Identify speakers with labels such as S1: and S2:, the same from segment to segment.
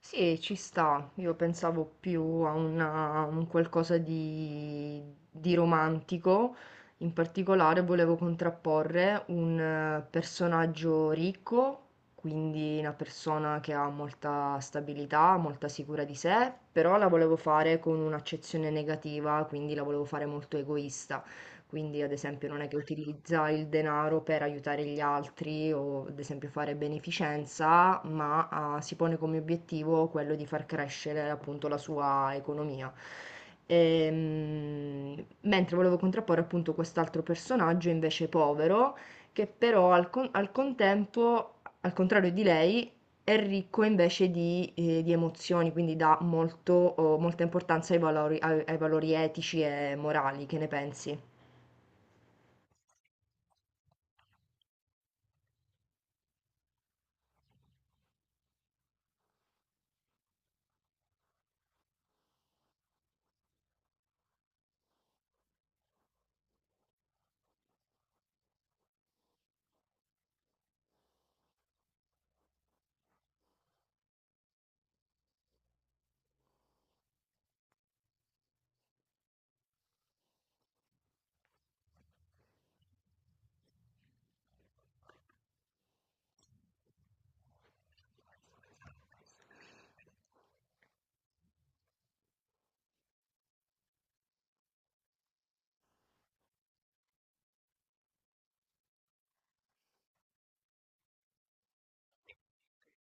S1: Sì, ci sta. Io pensavo più a un qualcosa di romantico. In particolare volevo contrapporre un personaggio ricco, quindi una persona che ha molta stabilità, molta sicura di sé, però la volevo fare con un'accezione negativa, quindi la volevo fare molto egoista, quindi ad esempio non è che utilizza il denaro per aiutare gli altri o ad esempio fare beneficenza, ma si pone come obiettivo quello di far crescere appunto la sua economia. Mentre volevo contrapporre appunto quest'altro personaggio invece povero, che però al contempo, al contrario di lei, è ricco invece di emozioni, quindi dà molto, oh, molta importanza ai valori, ai valori etici e morali. Che ne pensi?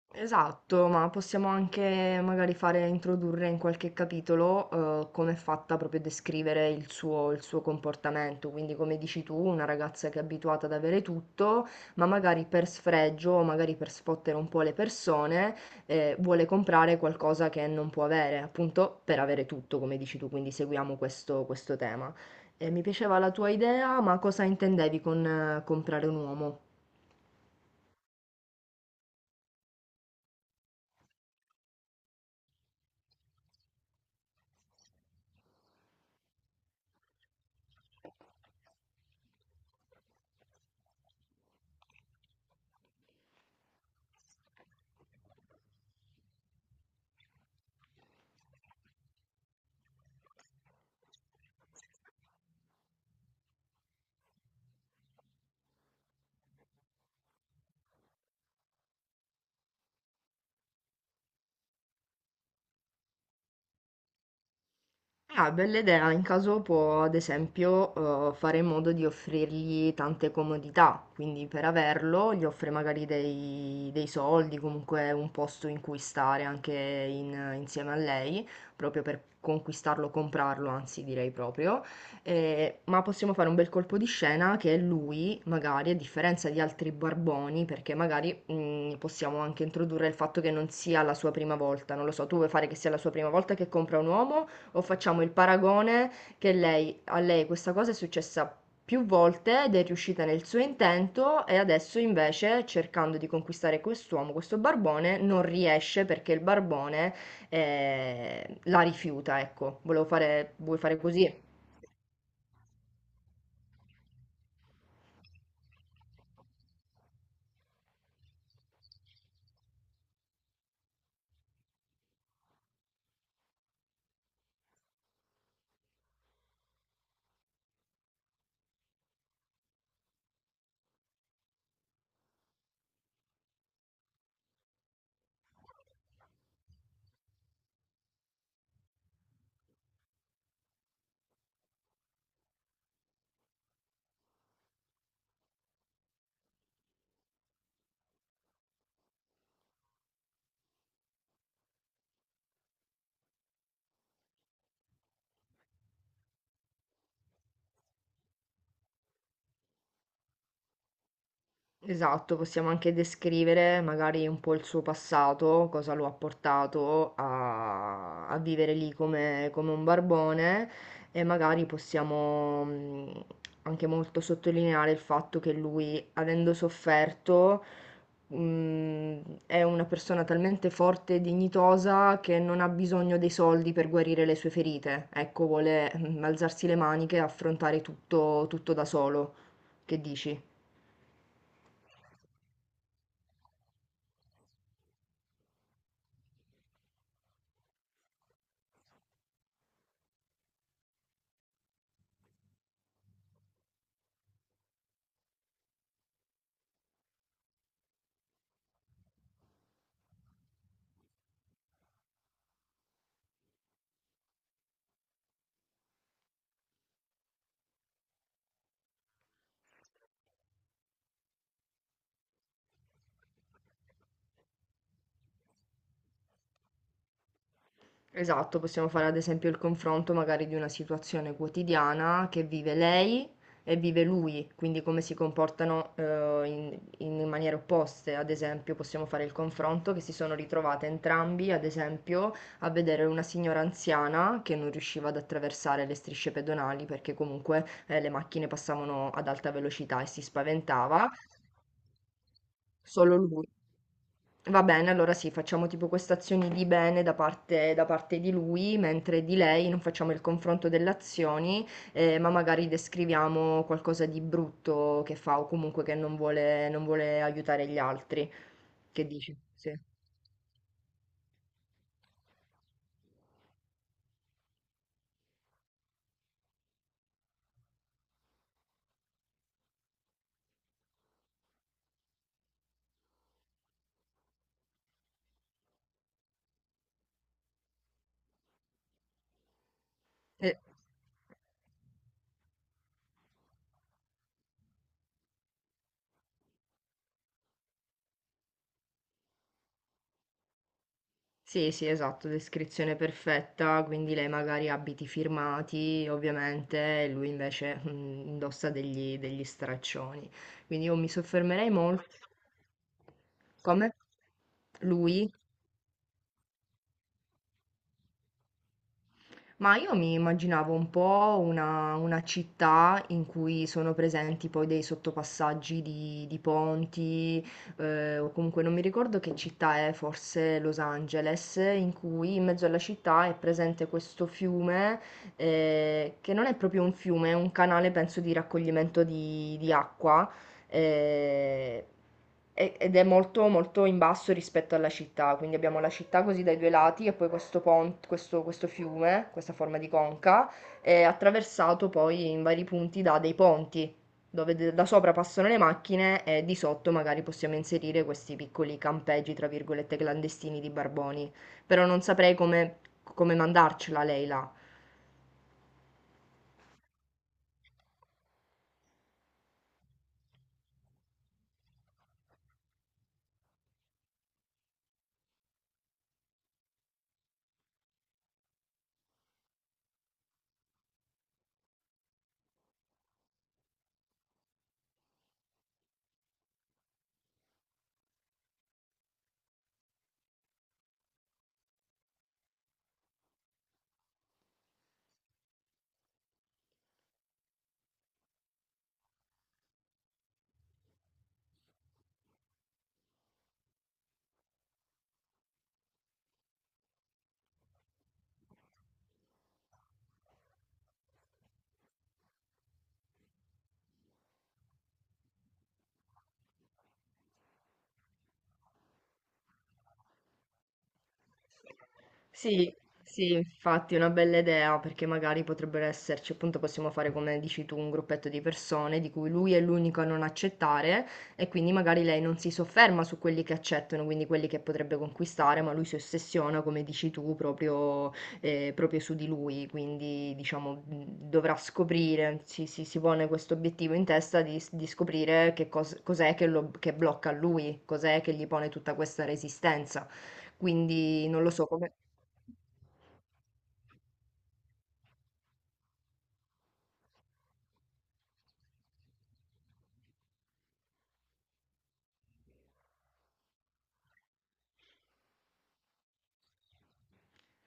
S1: Esatto, ma possiamo anche magari fare introdurre in qualche capitolo come è fatta, proprio a descrivere il suo comportamento. Quindi, come dici tu, una ragazza che è abituata ad avere tutto, ma magari per sfregio o magari per sfottere un po' le persone, vuole comprare qualcosa che non può avere, appunto per avere tutto, come dici tu. Quindi seguiamo questo, questo tema. Mi piaceva la tua idea, ma cosa intendevi con comprare un uomo? Ah, bella idea, in caso può ad esempio fare in modo di offrirgli tante comodità, quindi per averlo gli offre magari dei, dei soldi, comunque un posto in cui stare anche insieme a lei, proprio per conquistarlo, comprarlo, anzi direi proprio. Ma possiamo fare un bel colpo di scena che lui magari, a differenza di altri barboni, perché magari possiamo anche introdurre il fatto che non sia la sua prima volta. Non lo so, tu vuoi fare che sia la sua prima volta che compra un uomo? O facciamo il paragone che a lei questa cosa è successa più volte ed è riuscita nel suo intento, e adesso invece, cercando di conquistare quest'uomo, questo barbone, non riesce perché il barbone la rifiuta, ecco. Volevo fare, vuoi fare così? Esatto, possiamo anche descrivere magari un po' il suo passato, cosa lo ha portato a vivere lì come, come un barbone, e magari possiamo anche molto sottolineare il fatto che lui, avendo sofferto, mh, è una persona talmente forte e dignitosa che non ha bisogno dei soldi per guarire le sue ferite. Ecco, vuole alzarsi le maniche e affrontare tutto tutto da solo. Che dici? Esatto, possiamo fare ad esempio il confronto magari di una situazione quotidiana che vive lei e vive lui, quindi come si comportano in maniere opposte. Ad esempio, possiamo fare il confronto che si sono ritrovate entrambi, ad esempio, a vedere una signora anziana che non riusciva ad attraversare le strisce pedonali perché comunque le macchine passavano ad alta velocità e si spaventava, solo lui. Va bene, allora sì, facciamo tipo queste azioni di bene da parte di lui, mentre di lei non facciamo il confronto delle azioni, ma magari descriviamo qualcosa di brutto che fa o comunque che non vuole, non vuole aiutare gli altri. Che dici? Sì. Eh, Sì, sì, esatto, descrizione perfetta, quindi lei magari ha abiti firmati, ovviamente, e lui invece indossa degli, degli straccioni. Quindi io mi soffermerei molto... Come? Lui? Ma io mi immaginavo un po' una città in cui sono presenti poi dei sottopassaggi di ponti, o comunque non mi ricordo che città è, forse Los Angeles, in cui in mezzo alla città è presente questo fiume, che non è proprio un fiume, è un canale, penso, di raccoglimento di acqua. eh, Ed è molto, molto in basso rispetto alla città, quindi abbiamo la città così dai due lati, e poi questo ponte, questo fiume, questa forma di conca, è attraversato poi in vari punti da dei ponti, dove da sopra passano le macchine e di sotto magari possiamo inserire questi piccoli campeggi, tra virgolette, clandestini di barboni. Però non saprei come, come mandarcela lei là. Sì, sì, infatti è una bella idea, perché magari potrebbero esserci, appunto possiamo fare come dici tu, un gruppetto di persone di cui lui è l'unico a non accettare, e quindi magari lei non si sofferma su quelli che accettano, quindi quelli che potrebbe conquistare, ma lui si ossessiona, come dici tu, proprio, proprio su di lui. Quindi diciamo dovrà scoprire, si pone questo obiettivo in testa di scoprire cos'è che, lo, che blocca lui, cos'è che gli pone tutta questa resistenza. Quindi non lo so come...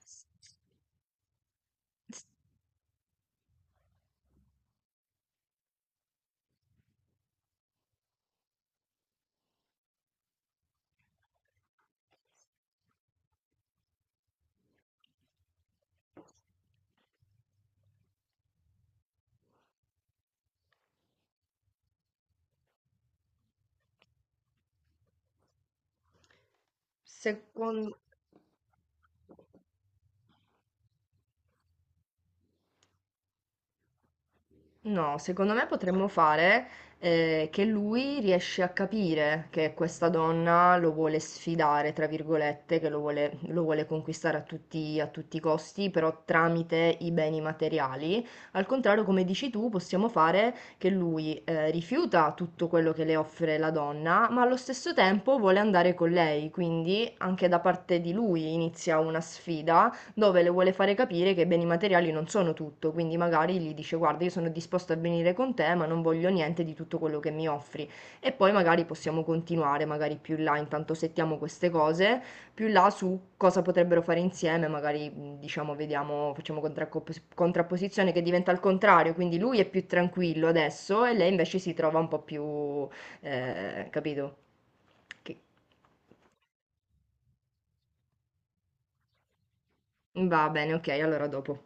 S1: s- s- Secondo... No, secondo me potremmo fare che lui riesce a capire che questa donna lo vuole sfidare, tra virgolette, che lo vuole conquistare a tutti i costi, però tramite i beni materiali. Al contrario, come dici tu, possiamo fare che lui rifiuta tutto quello che le offre la donna, ma allo stesso tempo vuole andare con lei, quindi anche da parte di lui inizia una sfida dove le vuole fare capire che i beni materiali non sono tutto, quindi magari gli dice guarda, io sono disposto a venire con te, ma non voglio niente di tutto quello che mi offri. E poi magari possiamo continuare, magari più in là, intanto settiamo queste cose, più in là su cosa potrebbero fare insieme, magari diciamo, vediamo, facciamo contrapposizione che diventa al contrario, quindi lui è più tranquillo adesso e lei invece si trova un po' più, capito? Che- Va bene, ok, allora dopo.